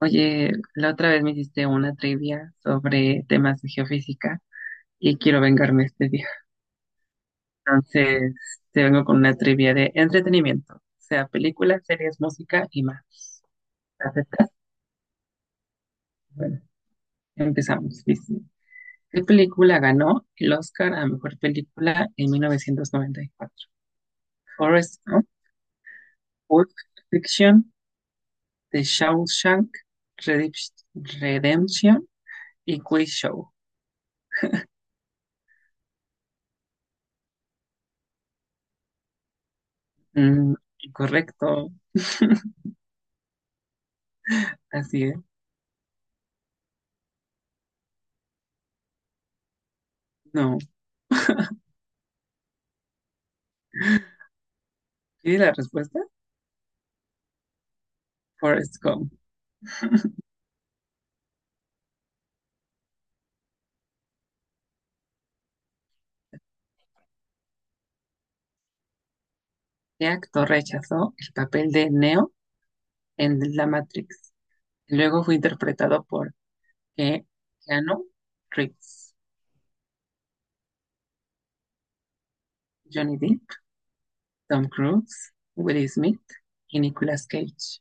Oye, la otra vez me hiciste una trivia sobre temas de geofísica y quiero vengarme este día. Entonces, te vengo con una trivia de entretenimiento, o sea, películas, series, música y más. ¿Aceptas? Bueno, empezamos. Dice, ¿qué película ganó el Oscar a mejor película en 1994? Forrest Gump, Pulp Fiction, The Shawshank Redemp- Redemption y Quiz Show. Mm, correcto, así es. No. ¿Quieres la respuesta? Forrest Gump. ¿Qué actor rechazó el papel de Neo en La Matrix? Luego fue interpretado por Ke- Keanu Reeves, Johnny Depp, Tom Cruise, Will Smith y Nicolas Cage.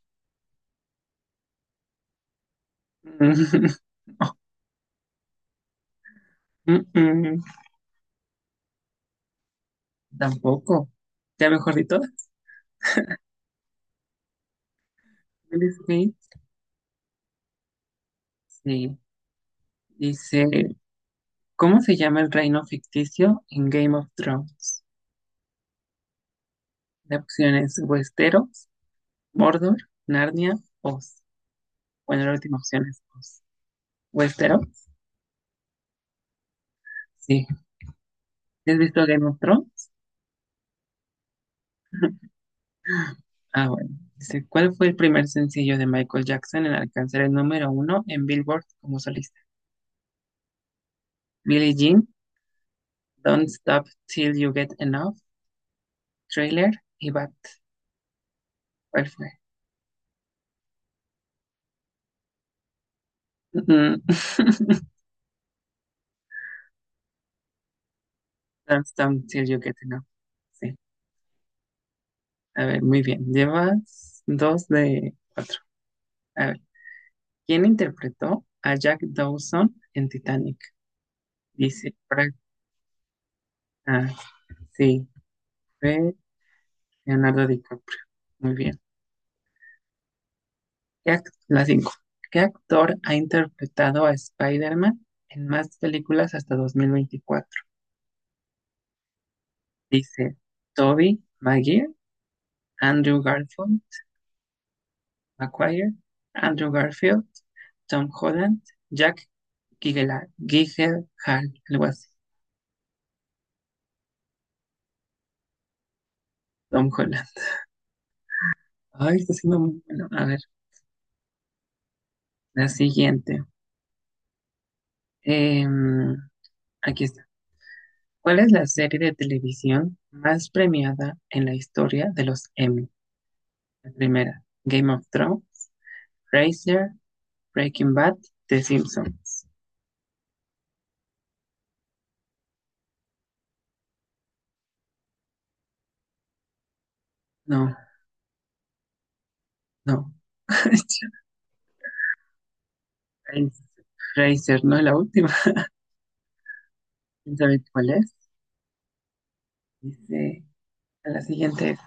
Mm, mm, mm, tampoco. Ya mejor de todas. Will Smith, sí. Dice, ¿cómo se llama el reino ficticio en Game of Thrones? La opción es Westeros, Mordor, Narnia, Oz. Bueno, la última opción es Oz. Westeros. Sí. ¿Has visto Game of Thrones? Ah, bueno. Dice, ¿cuál fue el primer sencillo de Michael Jackson en alcanzar el número uno en Billboard como solista? Billie Jean, Don't Stop Till You Get Enough, Trailer y Bad. ¿Cuál fue? Mm, Don't Stop Till You Get Enough. Sí. A ver, muy bien. Llevas dos de cuatro. A ver, ¿quién interpretó a Jack Dawson en Titanic? Dice, ah, sí, fue Leonardo DiCaprio. Muy bien. La 5. ¿Qué actor ha interpretado a Spider-Man en más películas hasta 2024? Dice Tobey Maguire, Andrew Garfield, Maguire, Andrew Garfield, Tom Holland, Jack Gyllenhaal, algo así. Tom Holland. Ay, está siendo muy bueno. A ver, la siguiente. Em, aquí está. ¿Cuál es la serie de televisión más premiada en la historia de los Emmy? La primera, Game of Thrones, Frasier, Breaking Bad, The Simpsons. No, no. Frasier, no es la última. ¿Quién sabe cuál es? Dice, a la siguiente es,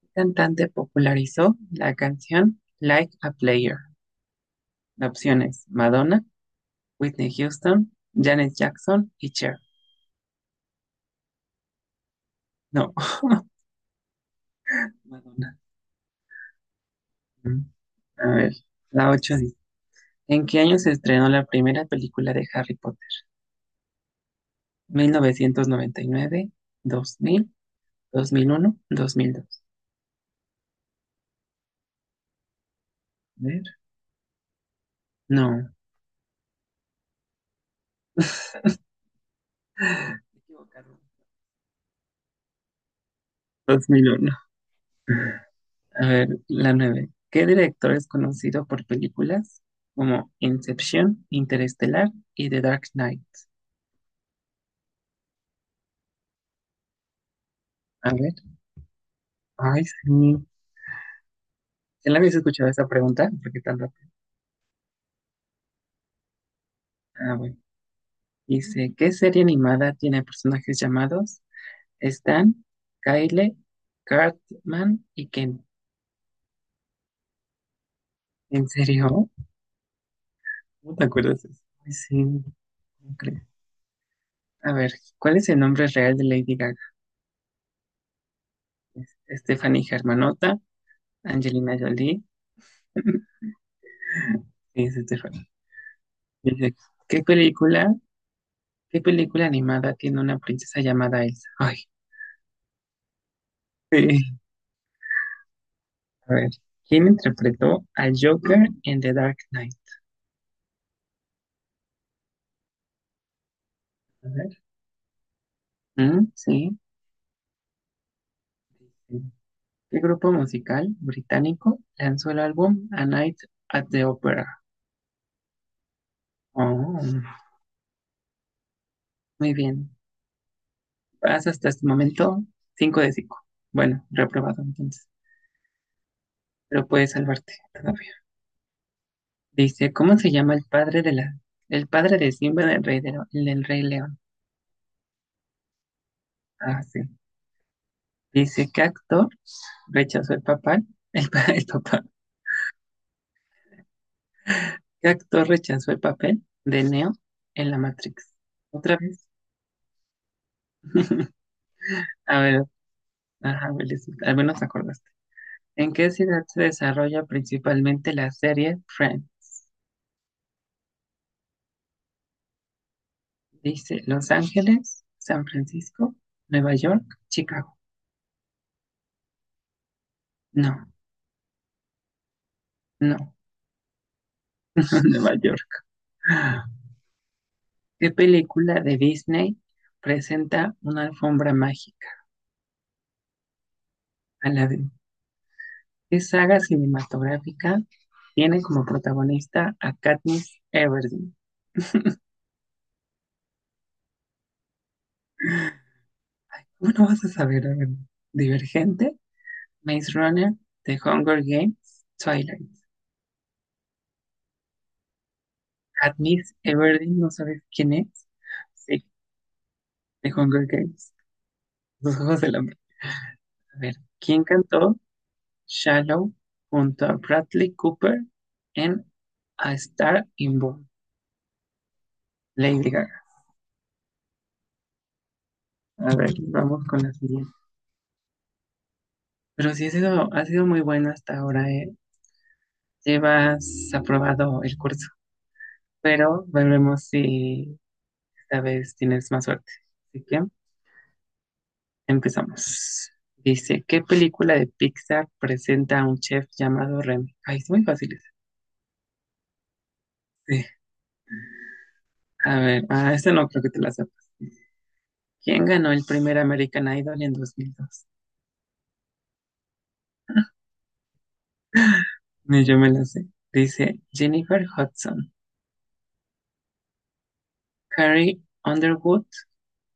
¿qué cantante popularizó la canción Like a Player? La opción es Madonna, Whitney Houston, Janet Jackson y Cher. No, Madonna. Mm. A ver, la 8. Dice, ¿en qué año se estrenó la primera película de Harry Potter? 1999, 2000, 2001, 2002. A ver, no, me he equivocado. 2001. A ver, la nueve. ¿Qué director es conocido por películas como Inception, Interestelar y The Dark Knight? A ver, ay, sí. ¿Ya la habías escuchado esa pregunta? Porque tan rápido. Ah, bueno. Dice, ¿qué serie animada tiene personajes llamados Stan, Kyle, Cartman y Ken? ¿En serio? ¿Cómo te acuerdas de eso? Ay, sí, no creo. A ver, ¿cuál es el nombre real de Lady Gaga? ¿Es Stephanie Germanotta, Angelina Jolie, sí, es Stephanie. Dice, ¿qué película, ¿qué película animada tiene una princesa llamada Elsa? Ay, sí. A ver, ¿quién interpretó al Joker en The Dark Knight? A ver, mm, sí. ¿Qué grupo musical británico lanzó el álbum A Night at the Opera? Oh, muy bien. Vas hasta este momento 5 de cinco. Bueno, reprobado entonces, pero puedes salvarte todavía. Dice, ¿cómo se llama el padre de el padre de Simba del Rey, del Rey León? Ah, sí. Dice, ¿qué actor rechazó el papel? El, el papá. ¿Qué actor rechazó el papel de Neo en la Matrix? Otra vez. A ver, ajá, al menos acordaste. ¿En qué ciudad se desarrolla principalmente la serie Friends? Dice, Los Ángeles, San Francisco, Nueva York, Chicago. No, no, Nueva York. ¿Qué película de Disney presenta una alfombra mágica? Aladdin. ¿Qué saga cinematográfica tiene como protagonista a Katniss Everdeen? Bueno, vas a saber, a ver, Divergente, Maze Runner, The Hunger Games, Twilight. Katniss Everdeen, ¿no sabes quién es? Sí, The Hunger Games, Los Juegos del Hambre. A ver, ¿quién cantó Shallow junto a Bradley Cooper en A Star Inborn, Lady Gaga. A ver, vamos con la siguiente. Pero sí ha sido muy bueno hasta ahora. Llevas aprobado el curso, pero veremos si esta vez tienes más suerte. Así que empezamos. Dice, ¿qué película de Pixar presenta a un chef llamado Remy? Ay, es muy fácil esa. Sí. A ver, ah, esta no creo que te la sepa. ¿Quién ganó el primer American Idol en 2002? Ni yo me la sé. Dice Jennifer Hudson, Carrie Underwood,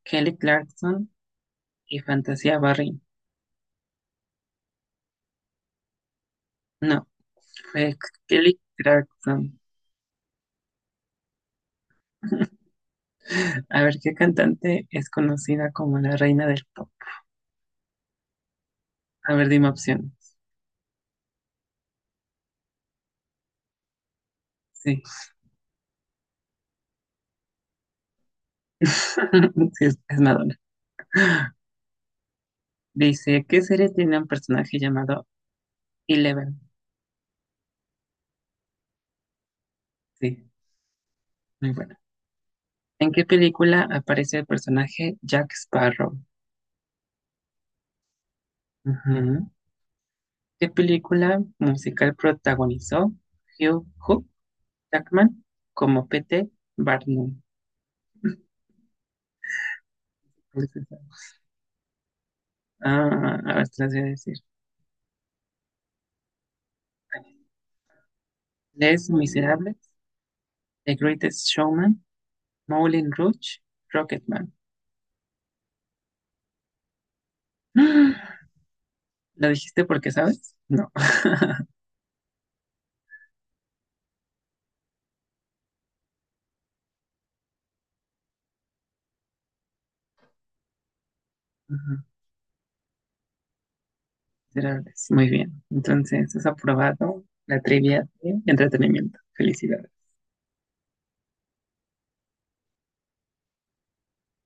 Kelly Clarkson y Fantasia Barry. No, fue Kelly Clarkson. A ver, ¿qué cantante es conocida como la reina del pop? A ver, dime opciones. Sí, sí es Madonna. Dice, ¿qué serie tiene un personaje llamado Eleven? Sí, muy bueno. ¿En qué película aparece el personaje Jack Sparrow? Ujú. ¿Qué película musical protagonizó Hugh Hook? Jackman como P.T. Barnum. Ah, a ver, te las voy a decir. Les Miserables, The Greatest Showman, Moulin Rouge, Rocketman. ¿Lo dijiste porque sabes? No. Miserables. Muy bien. Entonces, has aprobado la trivia de entretenimiento. Felicidades.